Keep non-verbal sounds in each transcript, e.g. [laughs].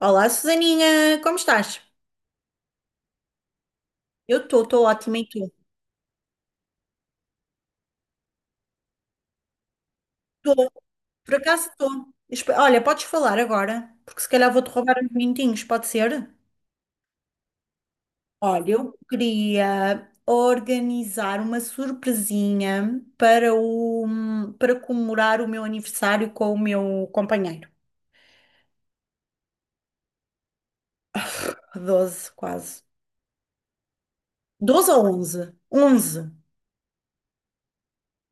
Olá, Susaninha, como estás? Eu estou ótima e tu? Estou, por acaso estou. Olha, podes falar agora, porque se calhar vou-te roubar uns minutinhos, pode ser? Olha, eu queria organizar uma surpresinha para o, para comemorar o meu aniversário com o meu companheiro. 12, quase. Doze ou 11? 11.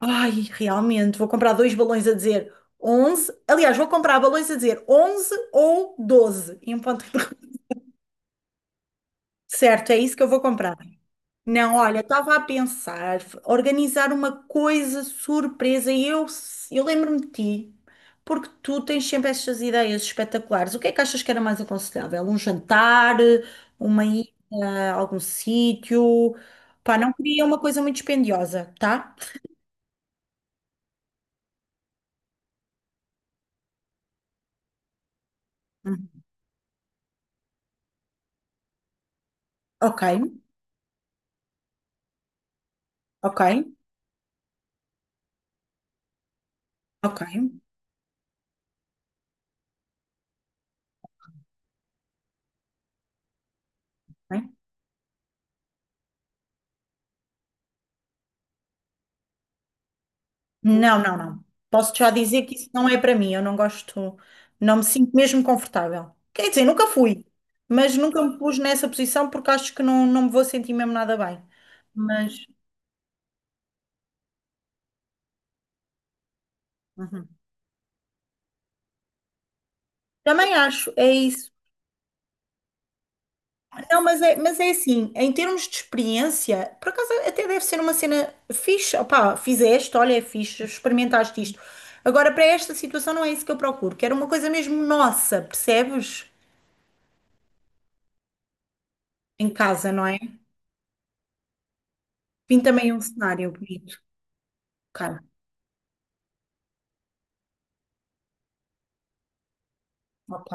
Ai, realmente, vou comprar dois balões a dizer 11. Aliás, vou comprar balões a dizer 11 ou 12, em ponto. Certo, é isso que eu vou comprar. Não, olha, estava a pensar organizar uma coisa surpresa e eu lembro-me de ti, porque tu tens sempre estas ideias espetaculares. O que é que achas que era mais aconselhável? Um jantar, uma ida a algum sítio? Pá, não queria uma coisa muito dispendiosa, tá? Hum. Ok, ok, ok. Ok. Não, não, não. Posso já dizer que isso não é para mim. Eu não gosto, não me sinto mesmo confortável. Quer dizer, nunca fui, mas nunca me pus nessa posição porque acho que não, não me vou sentir mesmo nada bem. Mas uhum. Também acho, é isso. Não, mas é assim, em termos de experiência, por acaso até deve ser uma cena fixe. Opá, fizeste, olha, é fixe, experimentaste isto. Agora, para esta situação, não é isso que eu procuro. Quero uma coisa mesmo nossa, percebes? Em casa, não é? Vim também um cenário bonito. Ok, ok,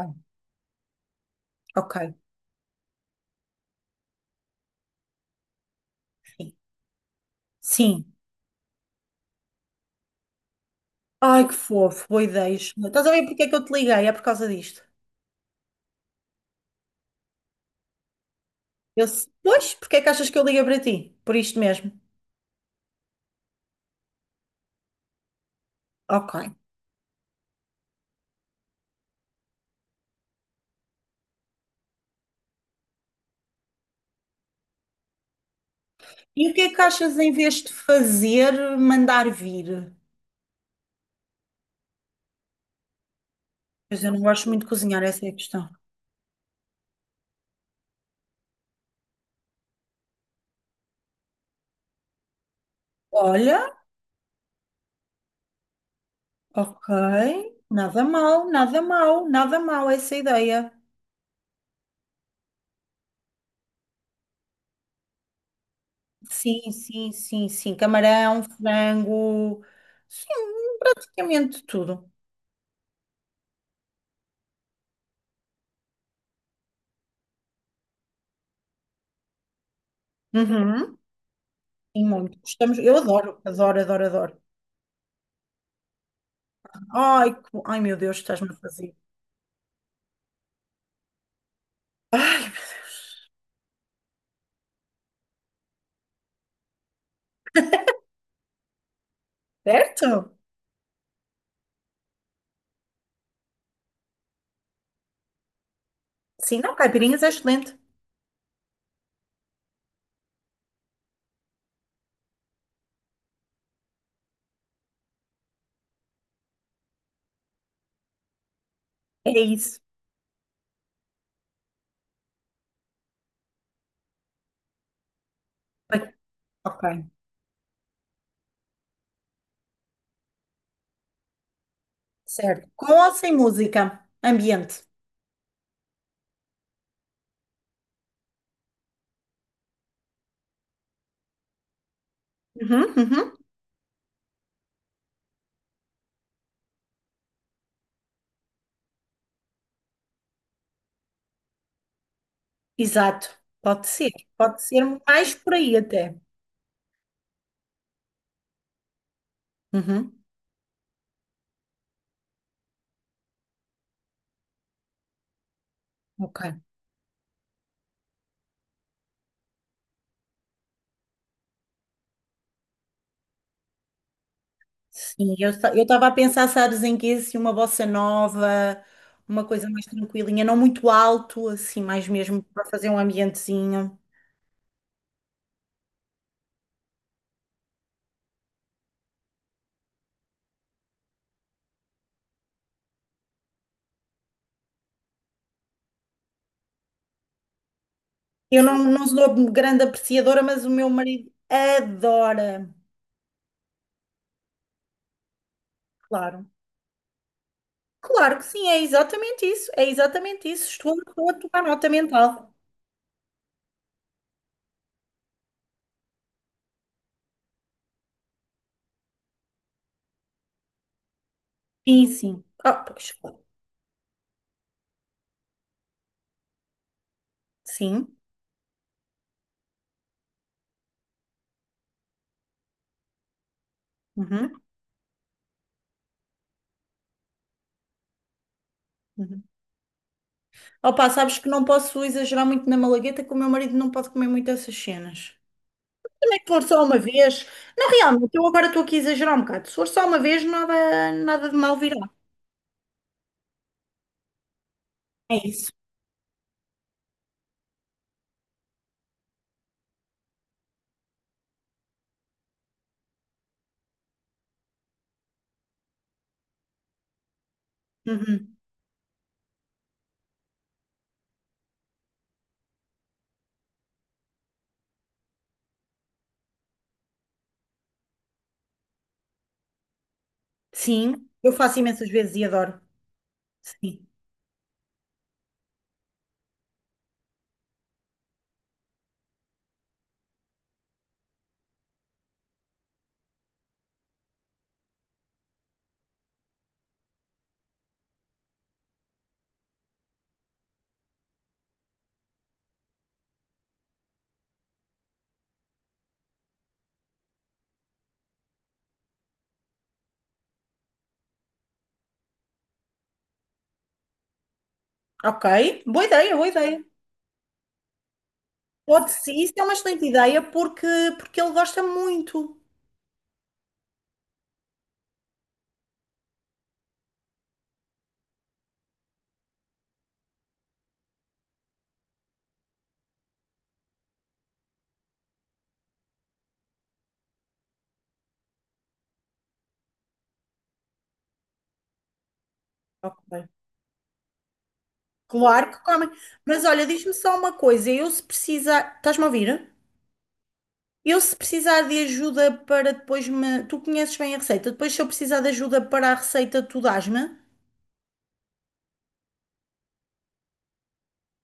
ok, sim. Sim. Ai, que fofo, boa ideia. Sheila. Estás a ver porque é que eu te liguei? É por causa disto. Eu, pois, porque é que achas que eu liguei para ti? Por isto mesmo. Ok. E o que é que achas em vez de fazer, mandar vir? Pois eu não gosto muito de cozinhar, essa é a questão. Olha, ok. Nada mal, nada mal, nada mal essa ideia. Sim, sim, sim, sim. Camarão, frango, sim, praticamente tudo. Uhum. Sim, muito. Estamos, eu adoro, adoro, adoro, adoro. Ai, ai meu Deus, estás-me a fazer. Ai, certo? Sim, não, caipirinhas é excelente. É isso. Ok, certo. Com ou sem música? Ambiente. Uhum, uhum. Exato. Pode ser. Pode ser mais por aí até. Uhum, ok. Sim, eu estava a pensar, sabes, em que assim, uma bossa nova, uma coisa mais tranquilinha, não muito alto, assim, mais mesmo para fazer um ambientezinho. Eu não, não sou grande apreciadora, mas o meu marido adora. Claro. Claro que sim, é exatamente isso. É exatamente isso. Estou, estou a tomar nota mental. Sim, sim. Ah, pois, claro. Sim. Uhum, uhum. Opa, sabes que não posso exagerar muito na malagueta, que o meu marido não pode comer muito essas cenas. É que for só uma vez. Não, realmente, eu agora estou aqui a exagerar um bocado. Se for só uma vez, nada, nada de mal virá. É isso. Uhum. Sim, eu faço imensas vezes e adoro. Sim. Ok, boa ideia, boa ideia. Pode ser, isso é uma excelente ideia porque, porque ele gosta muito. Ok. Claro que come. Mas olha, diz-me só uma coisa, eu se precisar, estás-me a ouvir? Eu se precisar de ajuda para depois me, tu conheces bem a receita, depois se eu precisar de ajuda para a receita, tu dás-me?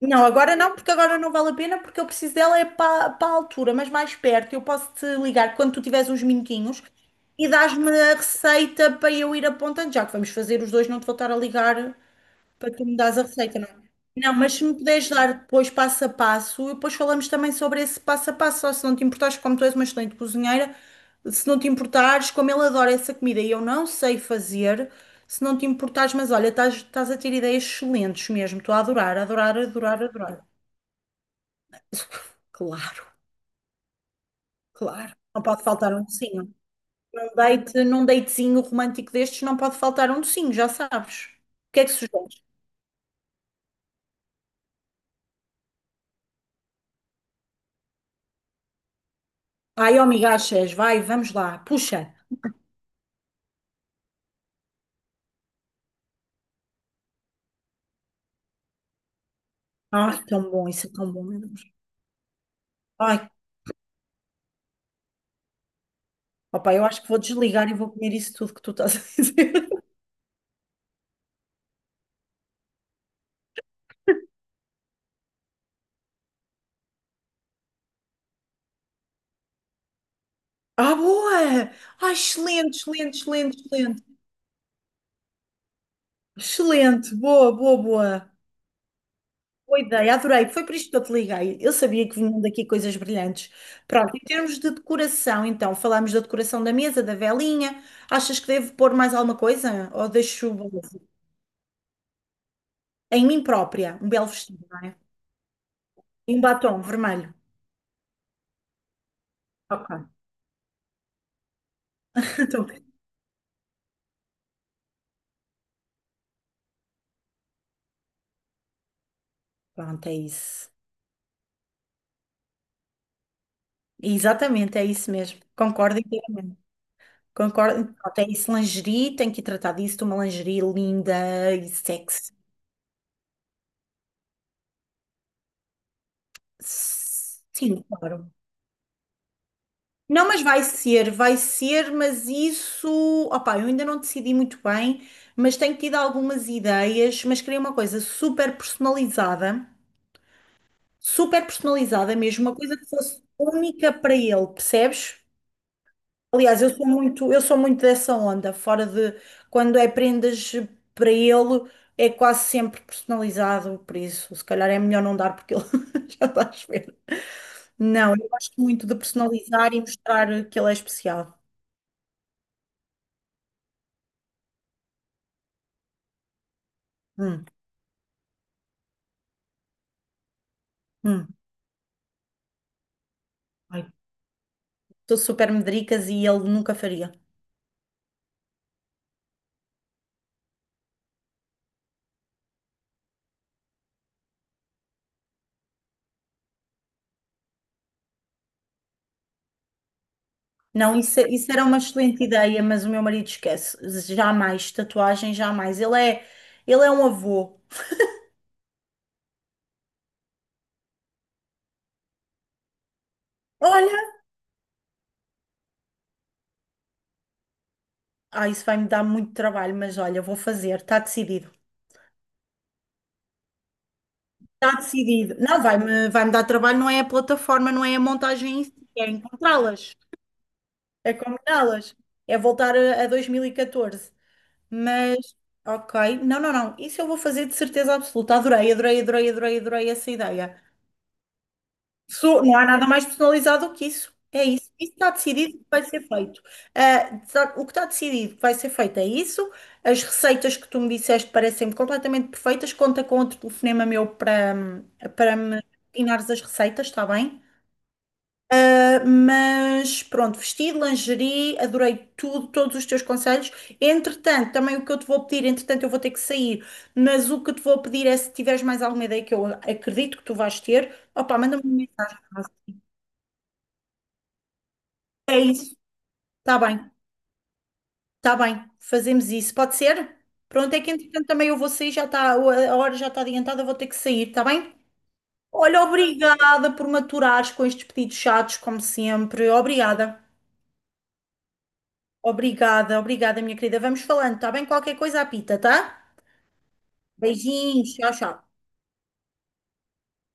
Não, agora não, porque agora não vale a pena, porque eu preciso dela é para, para a altura, mas mais perto. Eu posso te ligar quando tu tiveres uns minutinhos e dás-me a receita para eu ir apontando, já que vamos fazer os dois, não te vou estar a ligar para tu me dares a receita, não? é? Não, mas se me puderes dar depois passo a passo, e depois falamos também sobre esse passo a passo, só se não te importares, como tu és uma excelente cozinheira, se não te importares, como ele adora essa comida e eu não sei fazer, se não te importares, mas olha, estás, estás a ter ideias excelentes mesmo, estou a adorar, adorar, adorar, adorar. [laughs] Claro, claro. Não pode faltar um docinho. Num date, num datezinho romântico destes, não pode faltar um docinho, já sabes. O que é que sugeres? Ai, amiga, achas, vai, vamos lá, puxa. Ai, tão bom, isso é tão bom, meu Deus. Ai, opa, eu acho que vou desligar e vou comer isso tudo que tu estás a dizer. [laughs] Ah, boa! Ai, excelente, excelente, excelente, excelente. Excelente, boa, boa, boa. Boa ideia, adorei. Foi por isto que eu te liguei. Eu sabia que vinham daqui coisas brilhantes. Pronto, em termos de decoração, então, falámos da decoração da mesa, da velinha. Achas que devo pôr mais alguma coisa? Ou deixo em mim própria um belo vestido, não é? E um batom vermelho. Ok. [laughs] Então, pronto, é isso. Exatamente, é isso mesmo. Concordo inteiramente. Concordo. Pronto, é isso, lingerie, tenho que tratar disso, de uma lingerie linda e sexy. Sim, claro. Não, mas vai ser, mas isso, opá, eu ainda não decidi muito bem, mas tenho tido algumas ideias, mas queria uma coisa super personalizada mesmo, uma coisa que fosse única para ele, percebes? Aliás, eu sou muito dessa onda, fora de quando é prendas para ele, é quase sempre personalizado, por isso, se calhar é melhor não dar porque ele [laughs] já está a ver. Não, eu gosto muito de personalizar e mostrar que ele é especial. Hum, hum. Ai, sou super medricas e ele nunca faria. Não, isso, é, isso era uma excelente ideia, mas o meu marido esquece. Jamais, tatuagem, jamais. Ele é um avô. Olha, ah, isso vai me dar muito trabalho, mas olha, vou fazer, está decidido. Está decidido. Não, vai-me dar trabalho, não é a plataforma, não é a montagem em si, é encontrá-las, é combiná-las, é voltar a 2014. Mas, ok, não, não, não, isso eu vou fazer de certeza absoluta. Adorei, adorei, adorei, adorei, adorei essa ideia. Não há nada mais personalizado do que isso. É isso. Isso está decidido que vai ser feito. Ah, o que está decidido que vai ser feito é isso. As receitas que tu me disseste parecem-me completamente perfeitas. Conta com outro telefonema meu para, para me ensinares as receitas, está bem? Ah, mas pronto, vestido, lingerie, adorei tudo, todos os teus conselhos. Entretanto, também o que eu te vou pedir, entretanto, eu vou ter que sair, mas o que te vou pedir é se tiveres mais alguma ideia que eu acredito que tu vais ter, opá, manda-me uma mensagem. É isso. Tá bem, tá bem. Fazemos isso. Pode ser? Pronto, é que entretanto também eu vou sair, já está, a hora já está adiantada, vou ter que sair, tá bem? Olha, obrigada por me aturares com estes pedidos chatos, como sempre. Obrigada. Obrigada, obrigada, minha querida. Vamos falando, tá bem? Qualquer coisa apita, tá? Beijinhos, tchau, tchau.